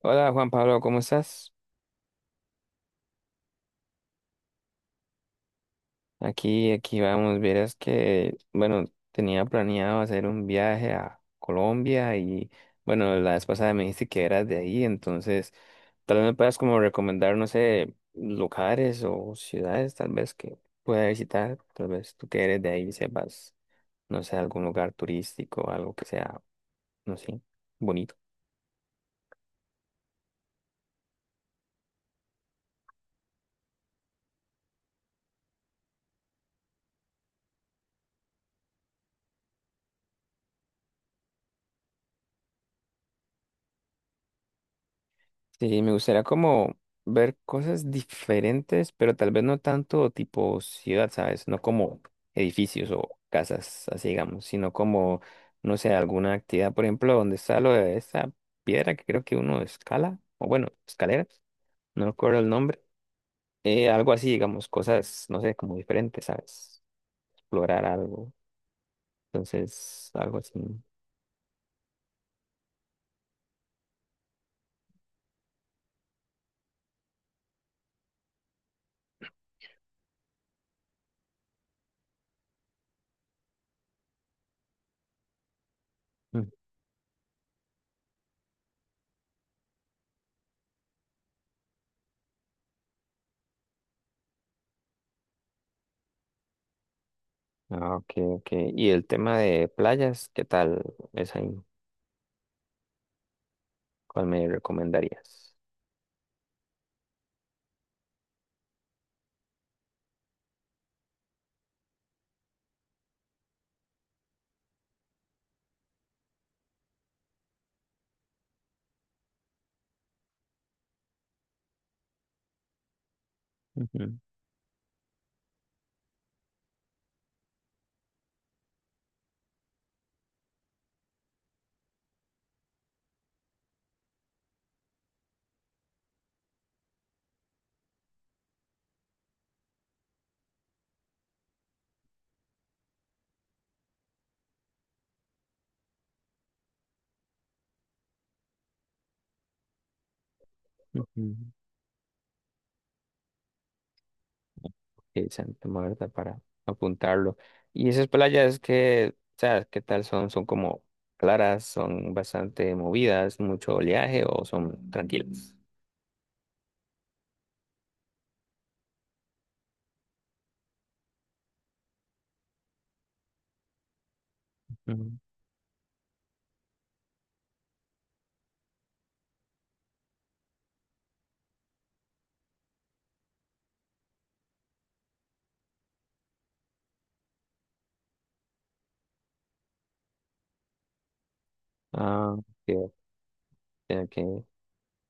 Hola Juan Pablo, ¿cómo estás? Aquí vamos, verás que, bueno, tenía planeado hacer un viaje a Colombia y, bueno, la vez pasada me dijiste que eras de ahí, entonces, tal vez me puedas como recomendar, no sé, lugares o ciudades tal vez que pueda visitar, tal vez tú que eres de ahí sepas, no sé, algún lugar turístico, algo que sea, no sé, bonito. Sí, me gustaría como ver cosas diferentes, pero tal vez no tanto tipo ciudad, ¿sabes? No como edificios o casas, así digamos, sino como, no sé, alguna actividad, por ejemplo, donde está lo de esa piedra que creo que uno escala, o bueno, escalera, no recuerdo el nombre, algo así, digamos, cosas, no sé, como diferentes, ¿sabes? Explorar algo, entonces, algo así. Mm. Ah, ok, ok. Y el tema de playas, ¿qué tal es ahí? ¿Cuál me recomendarías? Ujú, ujú. Sí, Santa Marta para apuntarlo. Y esas playas que, o sea, ¿qué tal son? ¿Son como claras? ¿Son bastante movidas? ¿Mucho oleaje o son tranquilas? Ujú. Ah, ok, ok, tengo que,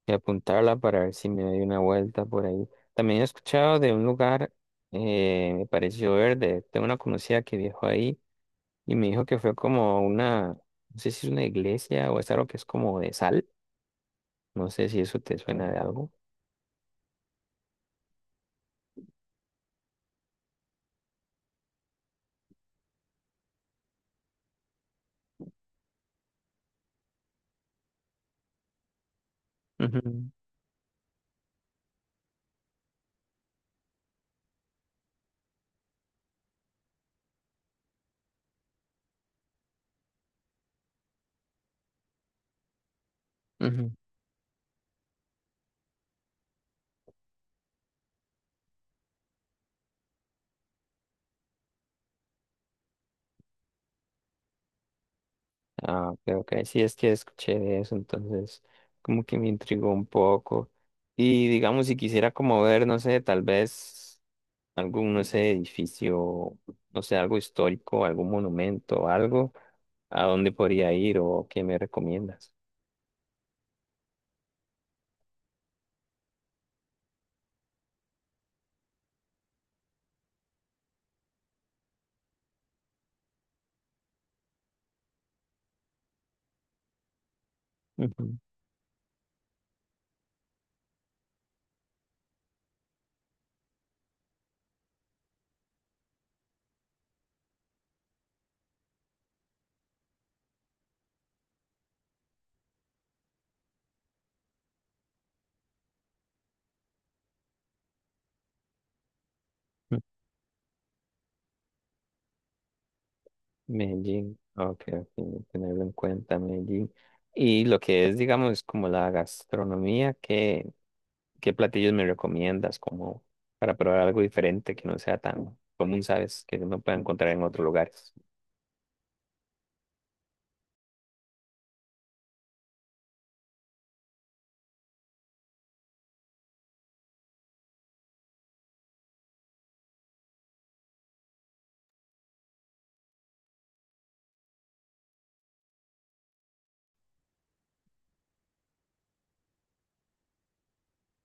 que apuntarla para ver si me doy una vuelta por ahí. También he escuchado de un lugar, me pareció verde. Tengo una conocida que viajó ahí y me dijo que fue como una, no sé si es una iglesia o es algo que es como de sal. No sé si eso te suena de algo. Ujú, ujú. Ah, ok, ok. Sí, es que escuché de eso, entonces como que me intrigó un poco. Y digamos, si quisiera como ver, no sé, tal vez algún, no sé, edificio, no sé, algo histórico, algún monumento, algo, ¿a dónde podría ir o qué me recomiendas? Ujú, Medellín, ok, ok, tenerlo en cuenta, Medellín. Y lo que es, digamos, como la gastronomía, ¿qué platillos me recomiendas como para probar algo diferente que no sea tan común, sabes, que no pueda encontrar en otros lugares?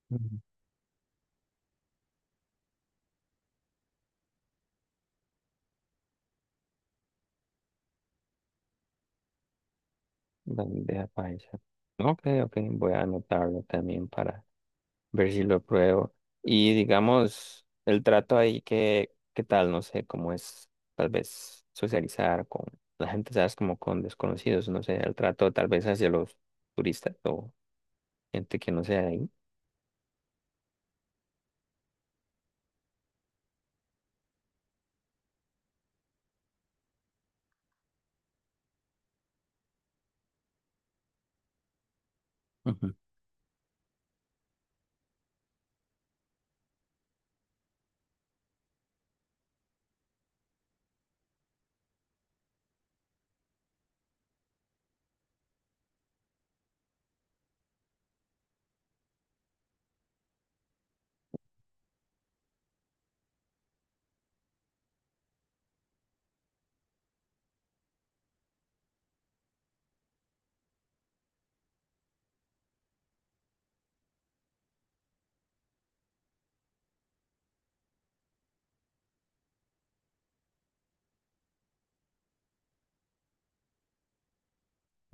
Ujú. Bandeja paisa. Ok, ok, voy a anotarlo también para, ver si lo pruebo. Y digamos, el trato ahí, que ¿qué tal? No sé, cómo es tal vez socializar con la gente, ¿sabes? Como con desconocidos, no sé, el trato tal vez hacia los turistas o gente que no sea de ahí.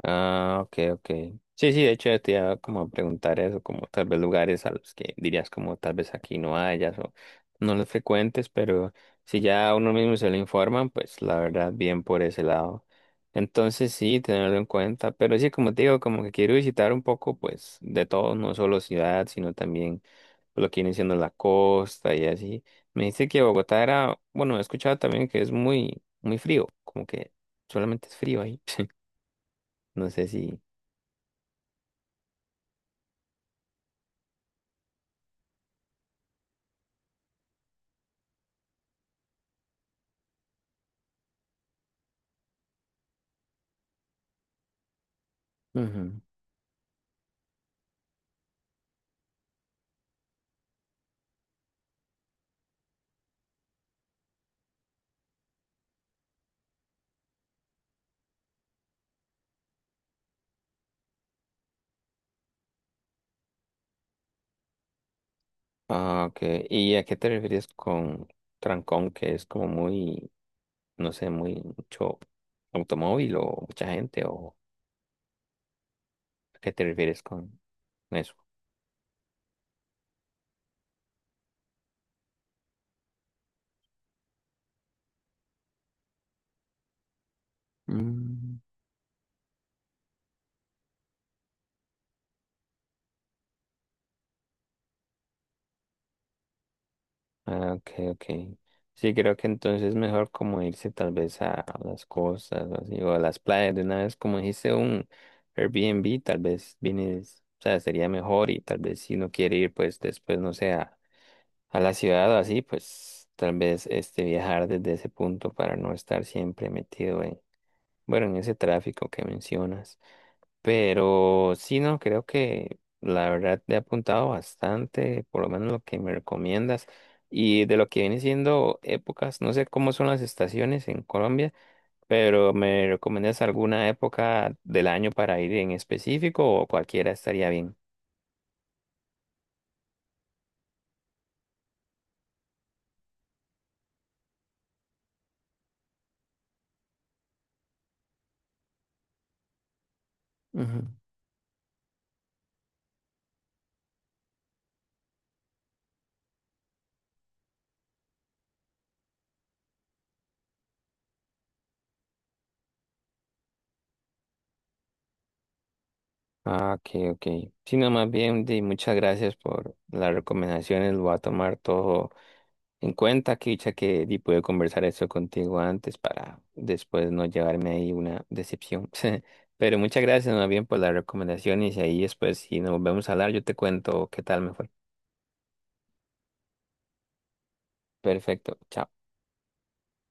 Ah, ok, ok. Sí, sí, de hecho yo te iba como a preguntar eso, como tal vez lugares a los que dirías como tal vez aquí no hayas o no los frecuentes, pero si ya uno mismo se lo informan, pues la verdad bien por ese lado. Entonces sí, tenerlo en cuenta, pero sí, como te digo, como que quiero visitar un poco pues de todo, no solo ciudad, sino también lo que viene siendo la costa y así. Me dice que Bogotá era, bueno, he escuchado también que es muy, muy frío, como que solamente es frío ahí. No sé si... Ujú. Ah, ok. ¿Y a qué te refieres con trancón, que es como muy, no sé, muy mucho automóvil o mucha gente? ¿O a qué te refieres con eso? Mm. Ah, ok, ok. Sí, creo que entonces es mejor como irse tal vez a las costas o así, o a las playas de una vez, como dijiste, un Airbnb, tal vez vienes, o sea, sería mejor y tal vez si no quiere ir, pues después, no sé, a la ciudad o así, pues tal vez este viajar desde ese punto para no estar siempre metido en, bueno, en ese tráfico que mencionas. Pero sí, no, creo que la verdad te he apuntado bastante, por lo menos lo que me recomiendas. Y de lo que viene siendo épocas, no sé cómo son las estaciones en Colombia, pero ¿me recomiendas alguna época del año para ir en específico o cualquiera estaría bien? Ah, ok, ok. Sí, no, más bien, di, muchas gracias por las recomendaciones. Lo voy a tomar todo en cuenta. Que dicha que di, pude conversar eso contigo antes para después no llevarme ahí una decepción. Pero muchas gracias, más bien, por las recomendaciones. Y ahí después, si nos volvemos a hablar, yo te cuento qué tal me fue. Perfecto. Chao.